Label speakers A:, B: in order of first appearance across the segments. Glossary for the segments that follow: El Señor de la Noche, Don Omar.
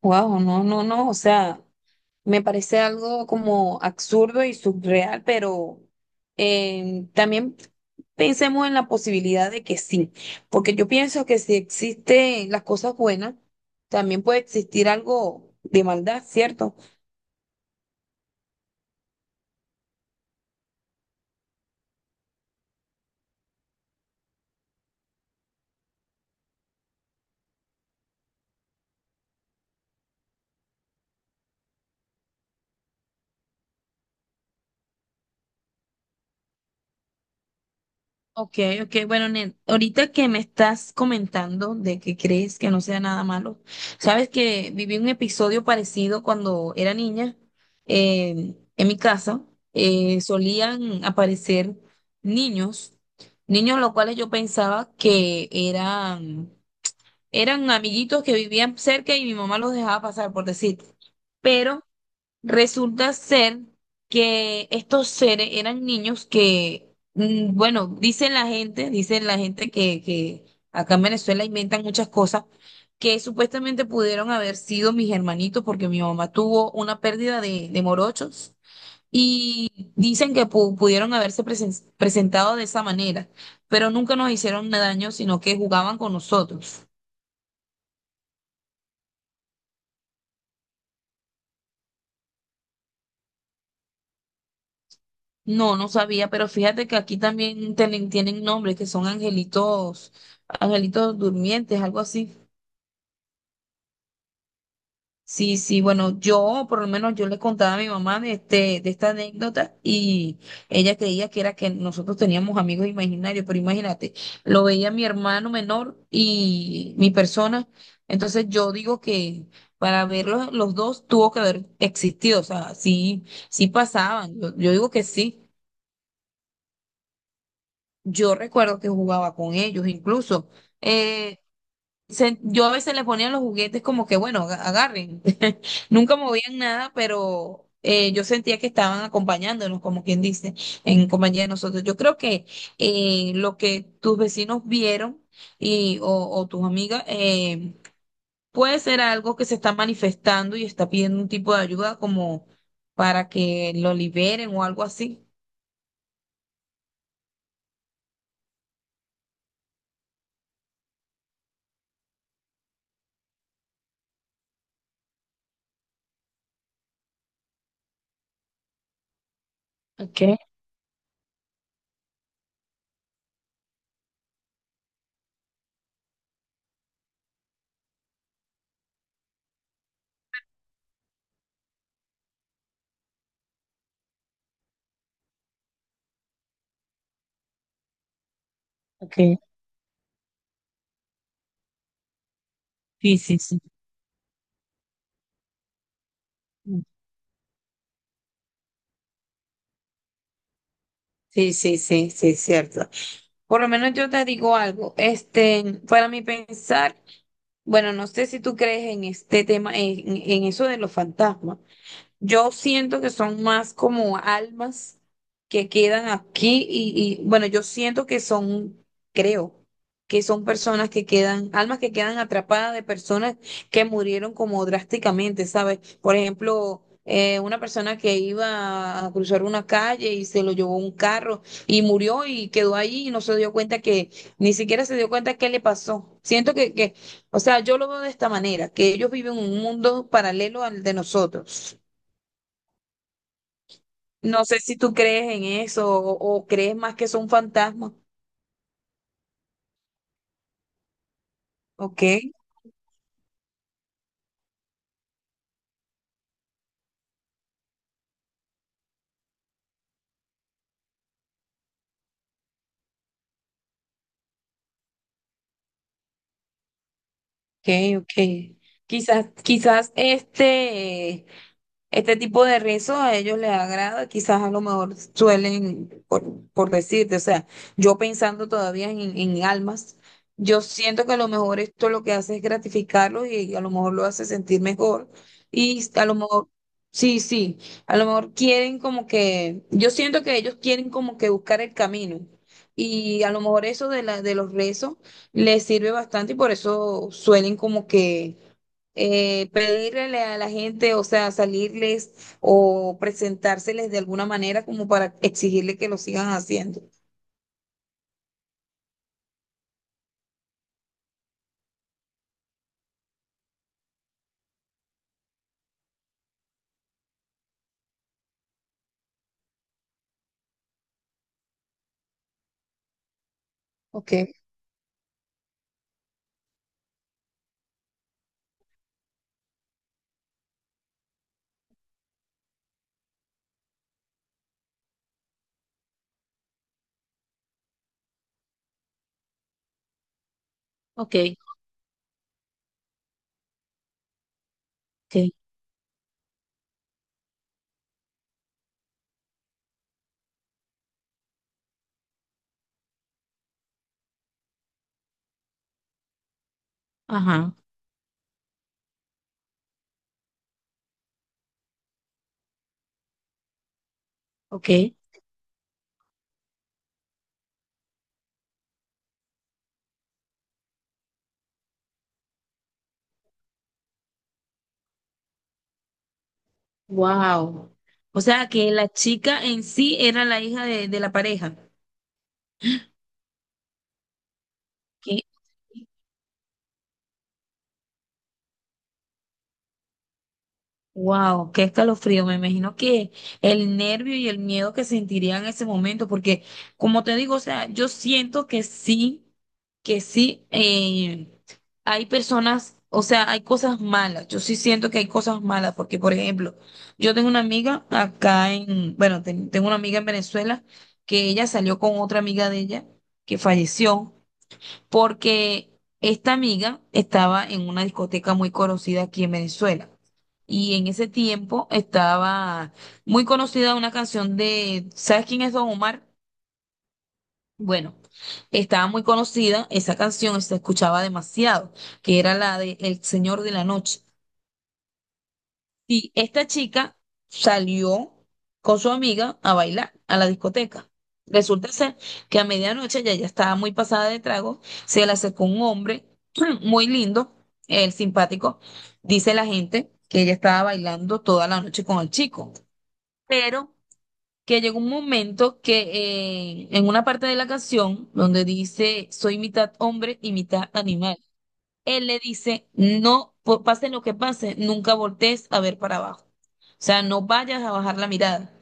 A: Wow, no, no, no, o sea, me parece algo como absurdo y surreal, pero también pensemos en la posibilidad de que sí, porque yo pienso que si existen las cosas buenas, también puede existir algo de maldad, ¿cierto? Ok, ok, bueno, Nen, ahorita que me estás comentando de que crees que no sea nada malo, sabes que viví un episodio parecido cuando era niña, en mi casa, solían aparecer niños, niños los cuales yo pensaba que eran, eran amiguitos que vivían cerca y mi mamá los dejaba pasar, por decir, pero resulta ser que estos seres eran niños que, mm, bueno, dicen la gente que acá en Venezuela inventan muchas cosas, que supuestamente pudieron haber sido mis hermanitos porque mi mamá tuvo una pérdida de morochos y dicen que pudieron haberse presentado de esa manera, pero nunca nos hicieron daño, sino que jugaban con nosotros. No, no sabía, pero fíjate que aquí también tienen, tienen nombres que son angelitos, angelitos durmientes, algo así. Sí, sí, bueno, yo por lo menos yo le contaba a mi mamá de este, de esta anécdota y ella creía que era que nosotros teníamos amigos imaginarios, pero imagínate, lo veía mi hermano menor y mi persona, entonces yo digo que para verlos los dos tuvo que haber existido, o sea, sí, sí pasaban, yo digo que sí. Yo recuerdo que jugaba con ellos, incluso. eh, yo a veces les ponía los juguetes como que, bueno, agarren. Nunca movían nada, pero yo sentía que estaban acompañándonos, como quien dice, en compañía de nosotros. Yo creo que lo que tus vecinos vieron y, o tus amigas puede ser algo que se está manifestando y está pidiendo un tipo de ayuda como para que lo liberen o algo así. Okay, okay. Sí, sí, sí. Sí, sí, sí, sí, cierto. Por lo menos yo te digo algo, este, para mi pensar, bueno, no sé si tú crees en este tema, en eso de los fantasmas. Yo siento que son más como almas que quedan aquí y, bueno, yo siento que son, creo, que son personas que quedan, almas que quedan atrapadas de personas que murieron como drásticamente, ¿sabes? Por ejemplo, una persona que iba a cruzar una calle y se lo llevó un carro y murió y quedó ahí y no se dio cuenta que, ni siquiera se dio cuenta qué le pasó. Siento que, o sea, yo lo veo de esta manera, que ellos viven un mundo paralelo al de nosotros. No sé si tú crees en eso o crees más que son fantasmas. Ok, ok, ok. Quizás, quizás este, este tipo de rizo a ellos les agrada, quizás a lo mejor suelen, por decirte, o sea, yo pensando todavía en almas, yo siento que a lo mejor esto lo que hace es gratificarlos y a lo mejor lo hace sentir mejor y a lo mejor, sí, sí, a lo mejor quieren como que, yo siento que ellos quieren como que buscar el camino y a lo mejor eso de la, de los rezos les sirve bastante y por eso suelen como que pedirle a la gente, o sea, salirles o presentárseles de alguna manera como para exigirle que lo sigan haciendo. Ok, ok, ok, ajá, ok, wow. O sea, que la chica en sí era la hija de la pareja. ¿Qué? Wow, qué escalofrío. Me imagino que el nervio y el miedo que sentiría en ese momento, porque como te digo, o sea, yo siento que sí, hay personas, o sea, hay cosas malas. Yo sí siento que hay cosas malas, porque por ejemplo, yo tengo una amiga acá en, bueno, tengo una amiga en Venezuela que ella salió con otra amiga de ella que falleció porque esta amiga estaba en una discoteca muy conocida aquí en Venezuela. Y en ese tiempo estaba muy conocida una canción de, ¿sabes quién es Don Omar? Bueno, estaba muy conocida esa canción, se escuchaba demasiado, que era la de El Señor de la Noche. Y esta chica salió con su amiga a bailar a la discoteca. Resulta ser que a medianoche ya estaba muy pasada de trago, se le acercó un hombre muy lindo, el simpático. Dice la gente que ella estaba bailando toda la noche con el chico, pero que llegó un momento que en una parte de la canción donde dice soy mitad hombre y mitad animal. Él le dice, no, pase lo que pase, nunca voltees a ver para abajo. O sea, no vayas a bajar la mirada.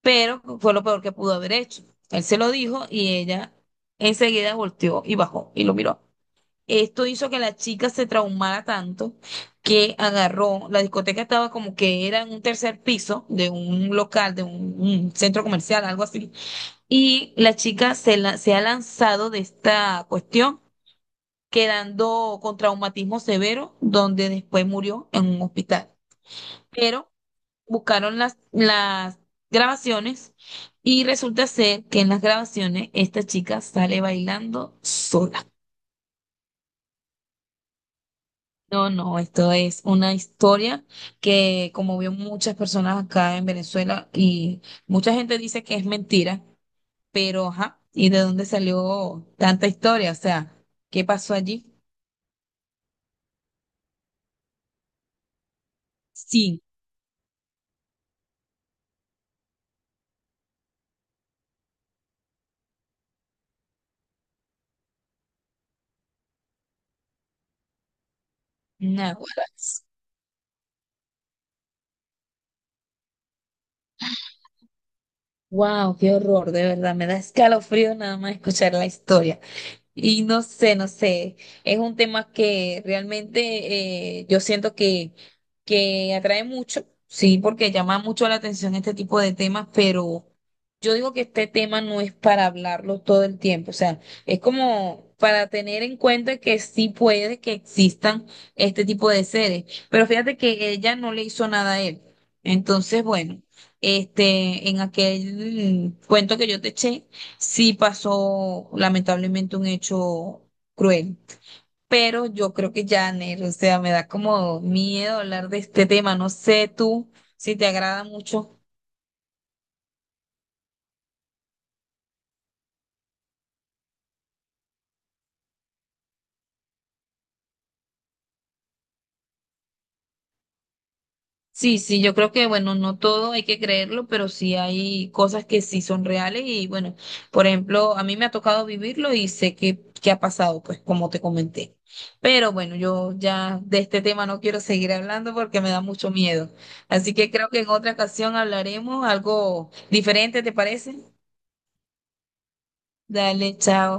A: Pero fue lo peor que pudo haber hecho. Él se lo dijo y ella enseguida volteó y bajó y lo miró. Esto hizo que la chica se traumara tanto que agarró, la discoteca estaba como que era en un tercer piso de un local, de un centro comercial, algo así. Y la chica se, se ha lanzado de esta cuestión quedando con traumatismo severo, donde después murió en un hospital. Pero buscaron las grabaciones y resulta ser que en las grabaciones esta chica sale bailando sola. No, no, esto es una historia que como vio muchas personas acá en Venezuela y mucha gente dice que es mentira, pero ajá, ¿y de dónde salió tanta historia? O sea, ¿qué pasó allí? Sí, nada. Wow, qué horror, de verdad, me da escalofrío nada más escuchar la historia. Y no sé, no sé, es un tema que realmente yo siento que atrae mucho, sí, porque llama mucho la atención este tipo de temas, pero yo digo que este tema no es para hablarlo todo el tiempo, o sea, es como para tener en cuenta que sí puede que existan este tipo de seres, pero fíjate que ella no le hizo nada a él. Entonces, bueno, este, en aquel cuento que yo te eché sí pasó lamentablemente un hecho cruel. Pero yo creo que ya, Ner, o sea, me da como miedo hablar de este tema. No sé tú si te agrada mucho. Sí, sí, yo creo que, bueno, no todo hay que creerlo, pero sí hay cosas que sí son reales y, bueno, por ejemplo, a mí me ha tocado vivirlo y sé que ha pasado, pues, como te comenté. Pero bueno, yo ya de este tema no quiero seguir hablando porque me da mucho miedo. Así que creo que en otra ocasión hablaremos algo diferente, ¿te parece? Dale, chao.